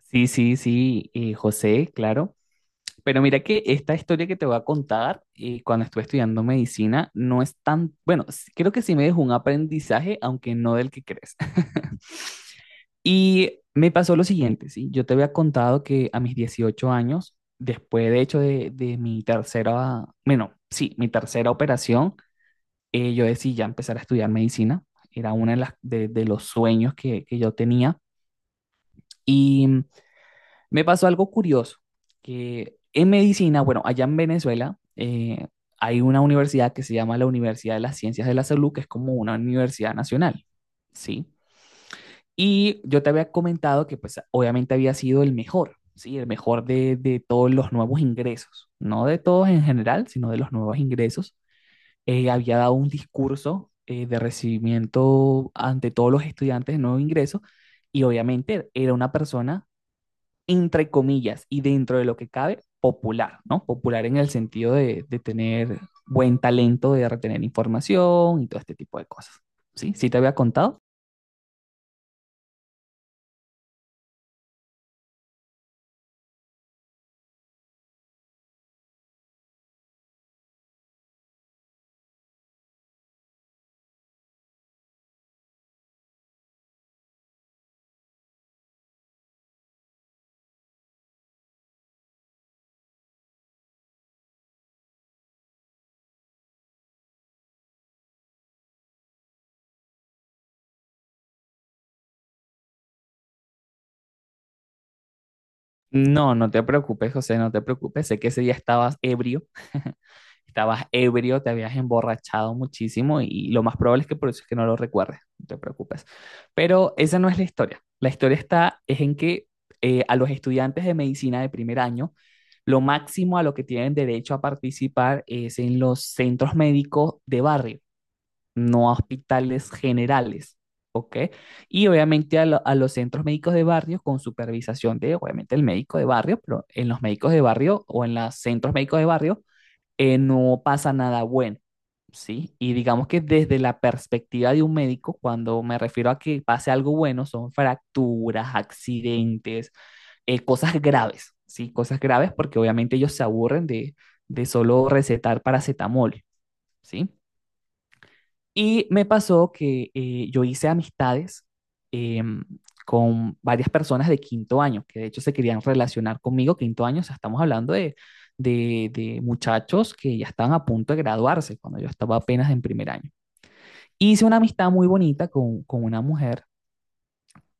Sí, sí, sí, José, claro. Pero mira que esta historia que te voy a contar, cuando estuve estudiando medicina, no es tan, bueno, creo que sí me dejó un aprendizaje, aunque no del que crees. Y me pasó lo siguiente, ¿sí? Yo te había contado que a mis 18 años, después de hecho de mi tercera operación, yo decidí ya empezar a estudiar medicina. Era uno de los sueños que yo tenía. Y me pasó algo curioso, que en medicina, bueno, allá en Venezuela, hay una universidad que se llama la Universidad de las Ciencias de la Salud, que es como una universidad nacional, ¿sí? Y yo te había comentado que pues obviamente había sido el mejor, ¿sí? El mejor de todos los nuevos ingresos, no de todos en general, sino de los nuevos ingresos. Había dado un discurso, de recibimiento ante todos los estudiantes de nuevo ingreso, y obviamente era una persona, entre comillas y dentro de lo que cabe, popular, ¿no? Popular en el sentido de tener buen talento, de retener información y todo este tipo de cosas. ¿Sí? ¿Sí te había contado? No, no te preocupes, José, no te preocupes. Sé que ese día estabas ebrio, te habías emborrachado muchísimo y lo más probable es que por eso es que no lo recuerdes, no te preocupes. Pero esa no es la historia. La historia está es en que, a los estudiantes de medicina de primer año, lo máximo a lo que tienen derecho a participar es en los centros médicos de barrio, no a hospitales generales. ¿Ok? Y obviamente a los centros médicos de barrio con supervisación de, obviamente, el médico de barrio, pero en los médicos de barrio o en los centros médicos de barrio, no pasa nada bueno, ¿sí? Y digamos que desde la perspectiva de un médico, cuando me refiero a que pase algo bueno, son fracturas, accidentes, cosas graves, ¿sí? Cosas graves porque obviamente ellos se aburren de solo recetar paracetamol, ¿sí? Y me pasó que, yo hice amistades, em, con varias personas de quinto año, que de hecho se querían relacionar conmigo. Quinto año, o sea, estamos hablando de muchachos que ya estaban a punto de graduarse cuando yo estaba apenas en primer año. Hice una amistad muy bonita con una mujer,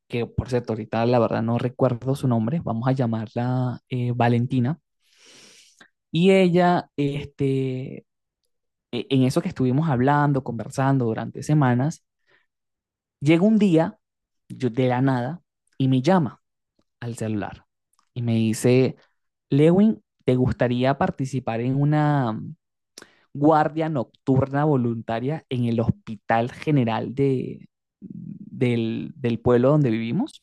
que por cierto, ahorita la verdad no recuerdo su nombre, vamos a llamarla, Valentina, y ella, en eso que estuvimos hablando, conversando durante semanas, llega un día, yo de la nada, y me llama al celular y me dice, Lewin, ¿te gustaría participar en una guardia nocturna voluntaria en el Hospital General del pueblo donde vivimos?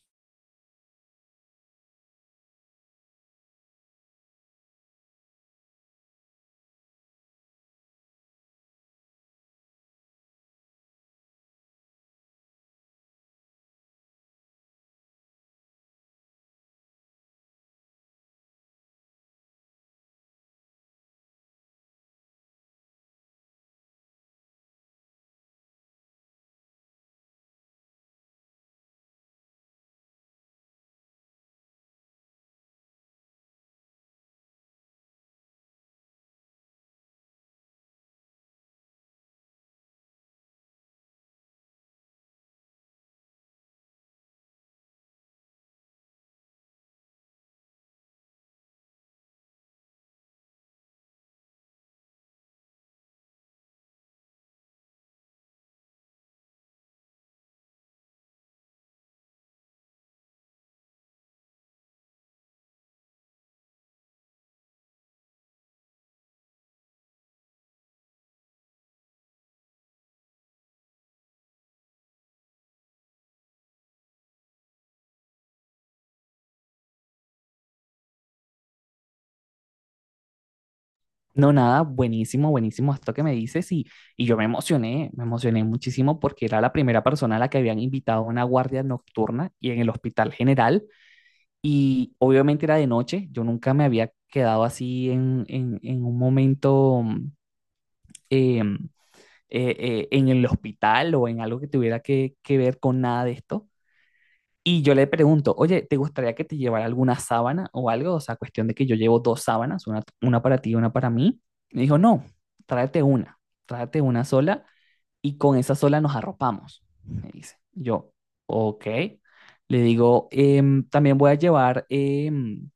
No, nada, buenísimo, buenísimo esto que me dices, y yo me emocioné muchísimo porque era la primera persona a la que habían invitado a una guardia nocturna y en el hospital general. Y obviamente era de noche, yo nunca me había quedado así en un momento, em, en el hospital o en algo que tuviera que ver con nada de esto. Y yo le pregunto, oye, ¿te gustaría que te llevara alguna sábana o algo? O sea, cuestión de que yo llevo dos sábanas, una para ti y una para mí. Me dijo, no, tráete una, tráete una sola, y con esa sola nos arropamos, me dice. Yo, ok. Le digo, "También voy a llevar,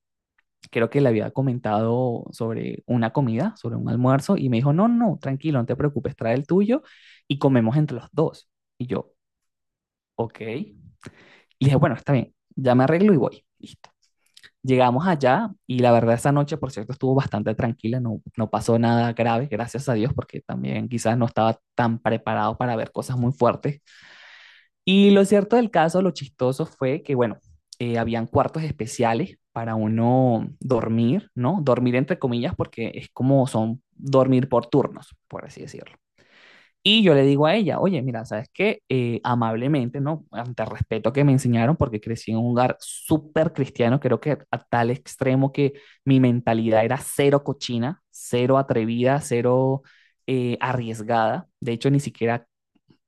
creo que le había comentado, sobre una comida, sobre un almuerzo, y me dijo, no, no, no, tranquilo, no te preocupes, trae el tuyo y comemos entre los dos. Y yo, ok. Y dije, bueno, está bien, ya me arreglo y voy. Listo. Llegamos allá y la verdad esa noche, por cierto, estuvo bastante tranquila, no, no pasó nada grave, gracias a Dios, porque también quizás no estaba tan preparado para ver cosas muy fuertes, y lo cierto del caso, lo chistoso fue que, bueno, habían cuartos especiales para uno dormir, ¿no? Dormir entre comillas, porque es como son dormir por turnos, por así decirlo. Y yo le digo a ella, oye, mira, ¿sabes qué? Amablemente, ¿no? Ante el respeto que me enseñaron, porque crecí en un hogar súper cristiano, creo que a tal extremo que mi mentalidad era cero cochina, cero atrevida, cero, arriesgada. De hecho, ni siquiera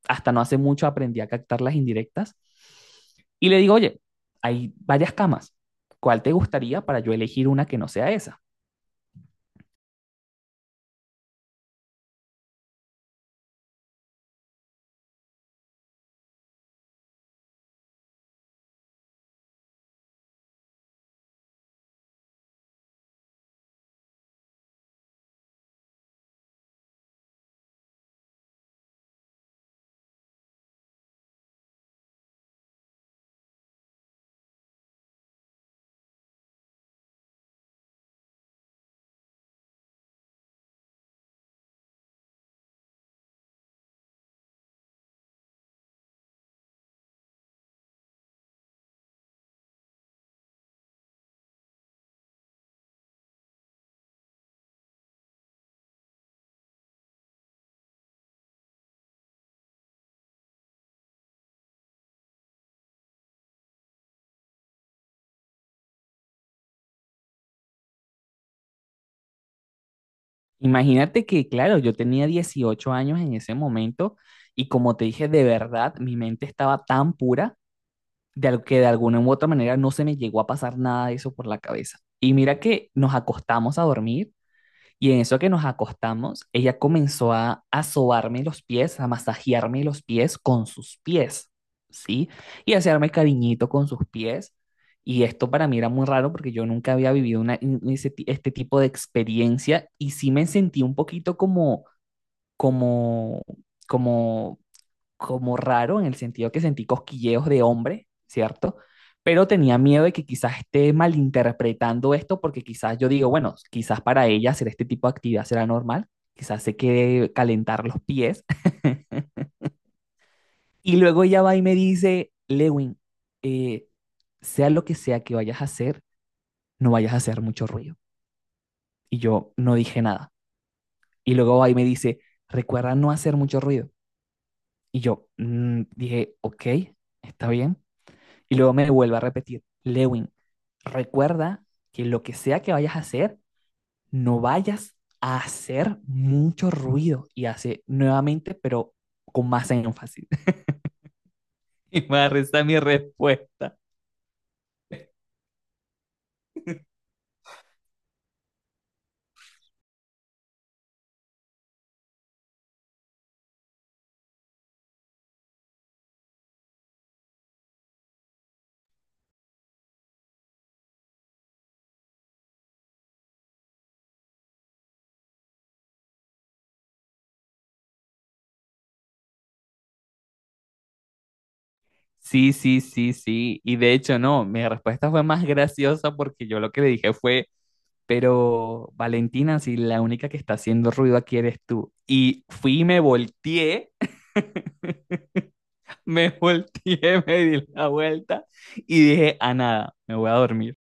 hasta no hace mucho aprendí a captar las indirectas. Y le digo, oye, hay varias camas. ¿Cuál te gustaría para yo elegir una que no sea esa? Imagínate que, claro, yo tenía 18 años en ese momento, y como te dije, de verdad, mi mente estaba tan pura que de alguna u otra manera no se me llegó a pasar nada de eso por la cabeza. Y mira que nos acostamos a dormir. Y en eso que nos acostamos, ella comenzó a sobarme los pies, a masajearme los pies con sus pies, ¿sí? Y a hacerme cariñito con sus pies. Y esto para mí era muy raro porque yo nunca había vivido una, un- ese ti- este tipo de experiencia, y sí me sentí un poquito como, como, como raro, en el sentido que sentí cosquilleos de hombre, ¿cierto? Pero tenía miedo de que quizás esté malinterpretando esto porque quizás yo digo, bueno, quizás para ella hacer este tipo de actividad será normal, quizás se quede calentar los pies. Y luego ella va y me dice, Lewin, eh, sea lo que sea que vayas a hacer, no vayas a hacer mucho ruido. Y yo no dije nada. Y luego va y me dice, recuerda no hacer mucho ruido. Y yo, dije, ok, está bien. Y luego me vuelve a repetir, Lewin, recuerda que lo que sea que vayas a hacer, no vayas a hacer mucho ruido. Y hace nuevamente, pero con más énfasis. Y me resta mi respuesta. Sí, sí, sí, sí. Y de hecho, no, mi respuesta fue más graciosa porque yo lo que le dije fue, pero Valentina, si la única que está haciendo ruido aquí eres tú. Y fui y me volteé, me volteé, me di la vuelta y dije, a nada, me voy a dormir.